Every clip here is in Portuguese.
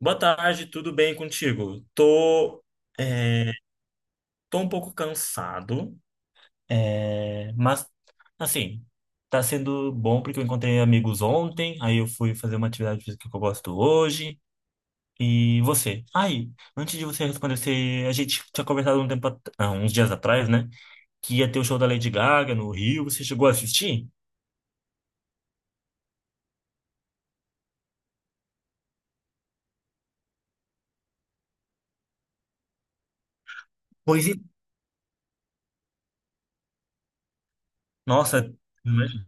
Boa tarde, tudo bem contigo? É, tô um pouco cansado, mas assim, tá sendo bom porque eu encontrei amigos ontem, aí eu fui fazer uma atividade física que eu gosto hoje. E você? Aí, antes de você responder, a gente tinha conversado um tempo, uns dias atrás, né? Que ia ter o show da Lady Gaga no Rio, você chegou a assistir? Pois é. Nossa, né?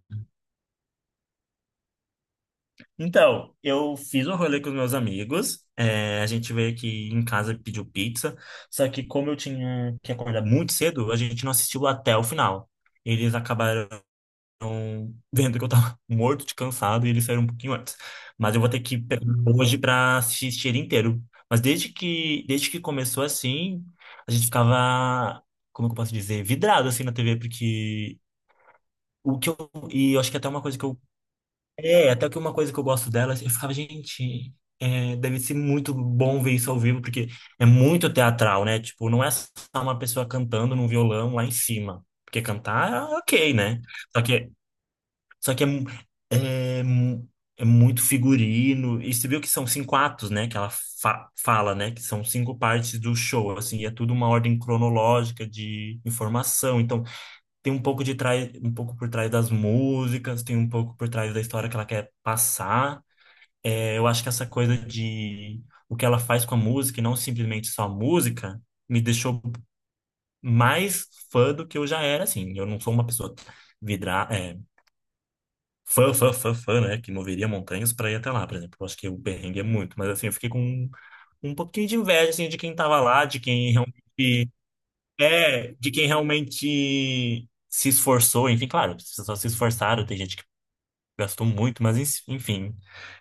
Então, eu fiz um rolê com os meus amigos. A gente veio aqui em casa e pediu pizza. Só que como eu tinha que acordar muito cedo, a gente não assistiu até o final. Eles acabaram vendo que eu tava morto de cansado e eles saíram um pouquinho antes. Mas eu vou ter que pegar hoje pra assistir ele inteiro. Mas desde que começou assim, a gente ficava, como que eu posso dizer, vidrado assim na TV, porque o que eu, e eu acho que até uma coisa que eu até que uma coisa que eu gosto dela, eu ficava, gente, deve ser muito bom ver isso ao vivo, porque é muito teatral, né? Tipo, não é só uma pessoa cantando num violão lá em cima. Porque cantar, é ok, né? Só que, só que é, mu- é muito figurino. E você viu que são cinco atos, né? Que ela fala, né? Que são cinco partes do show, assim, e é tudo uma ordem cronológica de informação. Então, tem um pouco de trás, um pouco por trás das músicas, tem um pouco por trás da história que ela quer passar. É, eu acho que essa coisa de o que ela faz com a música e não simplesmente só a música me deixou mais fã do que eu já era, assim. Eu não sou uma pessoa vidra, é, fã, fã, fã, fã, né? Que moveria montanhas para ir até lá, por exemplo. Eu acho que o perrengue é muito, mas assim, eu fiquei com um pouquinho de inveja, assim, de quem tava lá, de quem realmente se esforçou, enfim, claro, as pessoas se esforçaram, tem gente que gastou muito, mas enfim.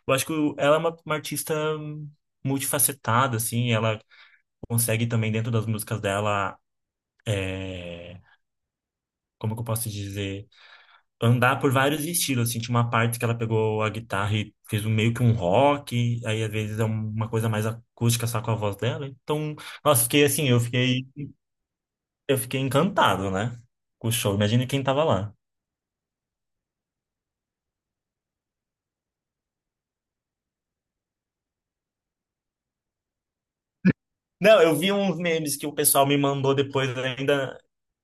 Eu acho que ela é uma artista multifacetada, assim, ela consegue também, dentro das músicas dela, é, como que eu posso dizer, andar por vários estilos, assim, tinha uma parte que ela pegou a guitarra e fez um, meio que um rock, aí às vezes é uma coisa mais acústica só com a voz dela, então, nossa, fiquei assim, eu fiquei encantado, né, com o show, imagina quem tava lá. Não, eu vi uns memes que o pessoal me mandou depois ainda.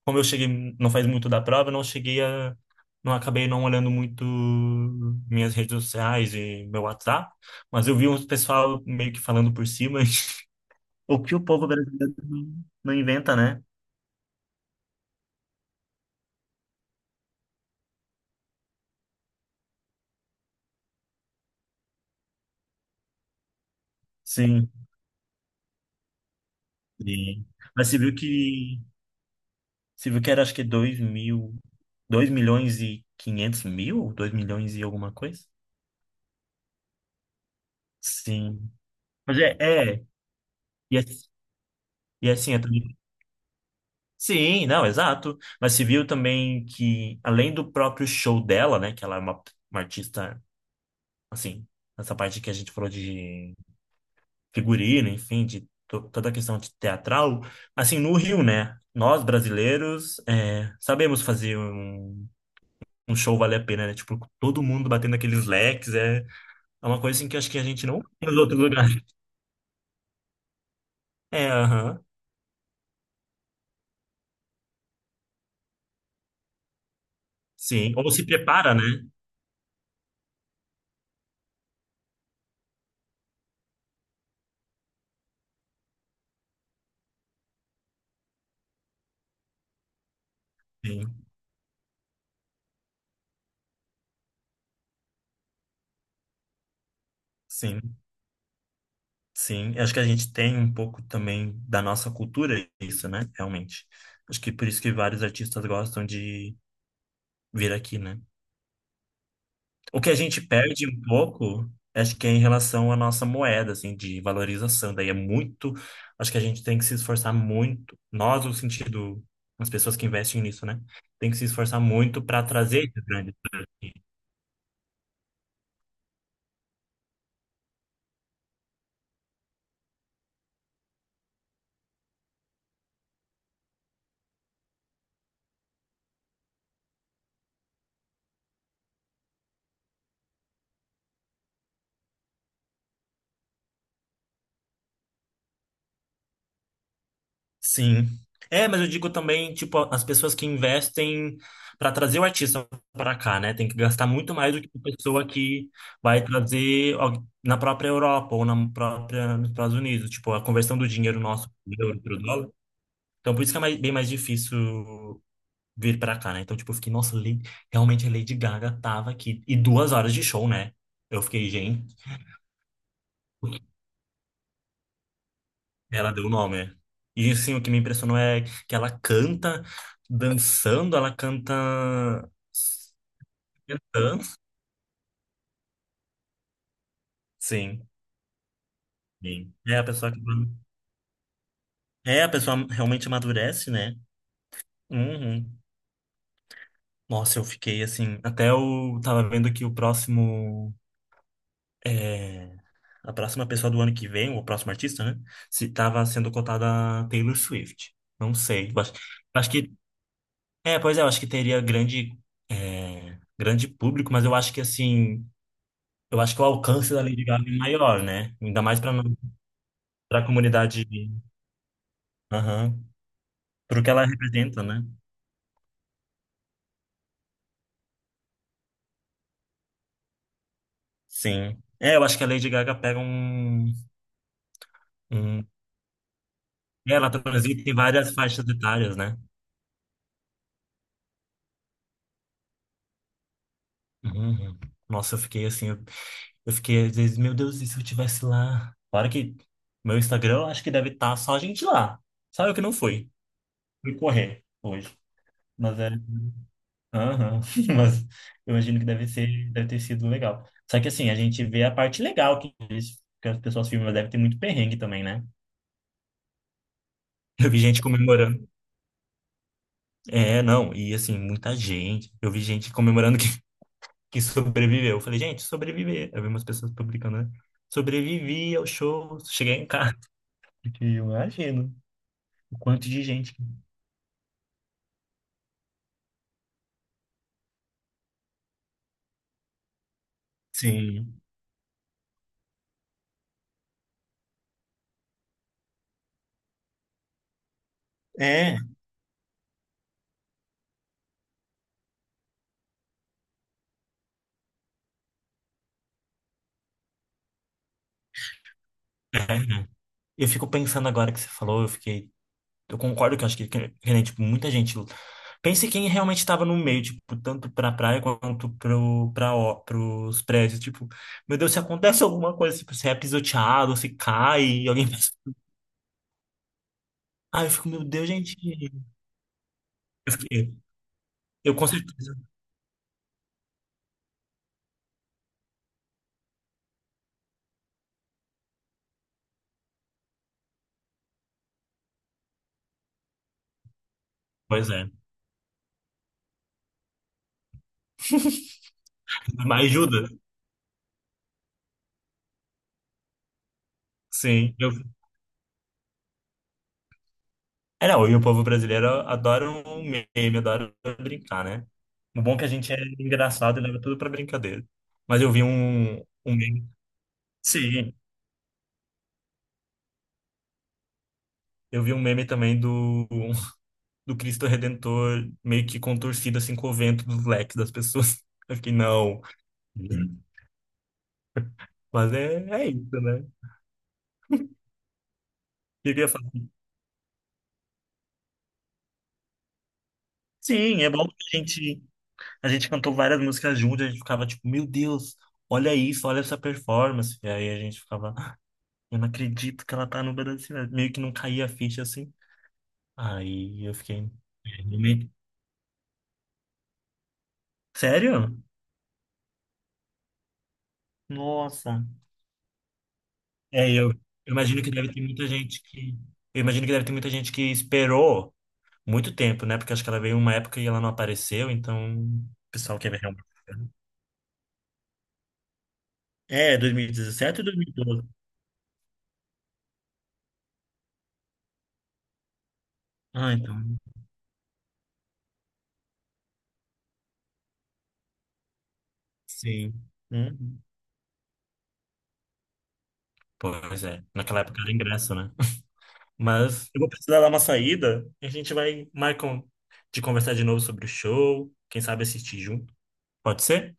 Como eu cheguei, não faz muito da prova, eu não cheguei a. Não acabei não olhando muito minhas redes sociais e meu WhatsApp, mas eu vi uns pessoal meio que falando por cima. O que o povo brasileiro não inventa, né? Sim. E- Mas você viu que. Você viu que era acho que 2 mil. 2,5 milhões? 2 milhões e alguma coisa? Sim. Mas é, é. E, e é assim. Sim, não, exato. Mas se viu também que, além do próprio show dela, né, que ela é uma artista, assim, essa parte que a gente falou de figurino, enfim, de toda a questão de teatral, assim, no Rio, né, nós brasileiros sabemos fazer um show valer a pena, né, tipo, todo mundo batendo aqueles leques, é uma coisa assim que eu acho que a gente não tem nos outros lugares. É, aham, sim. Ou se prepara, né? Sim, sim. Sim, eu acho que a gente tem um pouco também da nossa cultura isso, né? Realmente. Acho que por isso que vários artistas gostam de vir aqui, né? O que a gente perde um pouco, acho que é em relação à nossa moeda, assim, de valorização. Daí é muito. Acho que a gente tem que se esforçar muito. Nós, no sentido, as pessoas que investem nisso, né? Tem que se esforçar muito para trazer esses grandes. Sim. É, mas eu digo também, tipo, as pessoas que investem para trazer o artista para cá, né? Tem que gastar muito mais do que a pessoa que vai trazer na própria Europa ou na própria nos Estados Unidos, tipo, a conversão do dinheiro nosso do euro para o dólar. Então, por isso que é bem mais difícil vir para cá, né? Então, tipo, eu fiquei, nossa, realmente a Lady Gaga tava aqui e 2 horas de show, né? Eu fiquei, gente. Ela deu o nome. E assim o que me impressionou é que ela canta dançando, ela canta cantando. Sim, sim. É a pessoa que é a pessoa realmente amadurece, né? Uhum. Nossa, eu fiquei assim, até eu tava vendo que o próximo é, a próxima pessoa do ano que vem, o próximo artista, né? Se tava sendo cotada a Taylor Swift. Não sei. Eu acho, que pois é, eu acho que teria grande público, mas eu acho que assim. Eu acho que o alcance da Lady Gaga é maior, né? Ainda mais para a comunidade, aham, pro que ela representa, né? Sim. É, eu acho que a Lady Gaga pega um... Ela transita em várias faixas etárias, né? Uhum. Uhum. Nossa, eu fiquei assim, eu fiquei às vezes, meu Deus, e se eu estivesse lá? Claro que meu Instagram eu acho que deve estar só a gente lá. Sabe o que não foi? Fui correr hoje. Mas é. Aham, Mas eu imagino que deve ser, deve ter sido legal. Só que assim, a gente vê a parte legal que, que as pessoas filmam, mas deve ter muito perrengue também, né? Eu vi gente comemorando. É, não, e assim, muita gente. Eu vi gente comemorando que, que sobreviveu. Eu falei, gente, sobreviver. Eu vi umas pessoas publicando, né? Sobrevivi ao show, cheguei em casa. Porque eu imagino o quanto de gente. Sim. É. Eu fico pensando agora que você falou, eu fiquei. Eu concordo que eu acho que, né, tipo, muita gente. Pense quem realmente estava no meio, tipo, tanto pra praia quanto ó, pros prédios. Tipo, meu Deus, se acontece alguma coisa, tipo, se é pisoteado, se cai, e alguém pensa. Ah, eu fico, meu Deus, gente. Eu, fiquei, eu com certeza. Pois é. Mas ajuda. Sim. Eu, não, e o povo brasileiro adora um meme, adora brincar, né? O bom é que a gente é engraçado e leva tudo pra brincadeira. Mas eu vi um, meme. Sim, eu vi um meme também do Cristo Redentor meio que contorcido assim com o vento dos leques das pessoas. Eu fiquei, não. Mas é isso, né? Eu queria falar. Sim, é bom que a gente cantou várias músicas juntas, a gente ficava tipo, meu Deus, olha isso, olha essa performance. E aí a gente ficava, "Ah, eu não acredito que ela tá no Brasil. Meio que não caía a ficha assim. Aí eu fiquei, "É, realmente? Sério? Nossa. É, eu imagino que deve ter muita gente que. Eu imagino que deve ter muita gente que esperou muito tempo, né? Porque acho que ela veio uma época e ela não apareceu, então o pessoal quer ver realmente. É, 2017 ou 2012? Ah, então. Sim. Hum. Pois é. Naquela época era ingresso, né? Mas eu vou precisar dar uma saída e a gente vai marcar um, de conversar de novo sobre o show. Quem sabe assistir junto. Pode ser?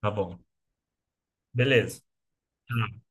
Tá bom. Beleza. Tchau.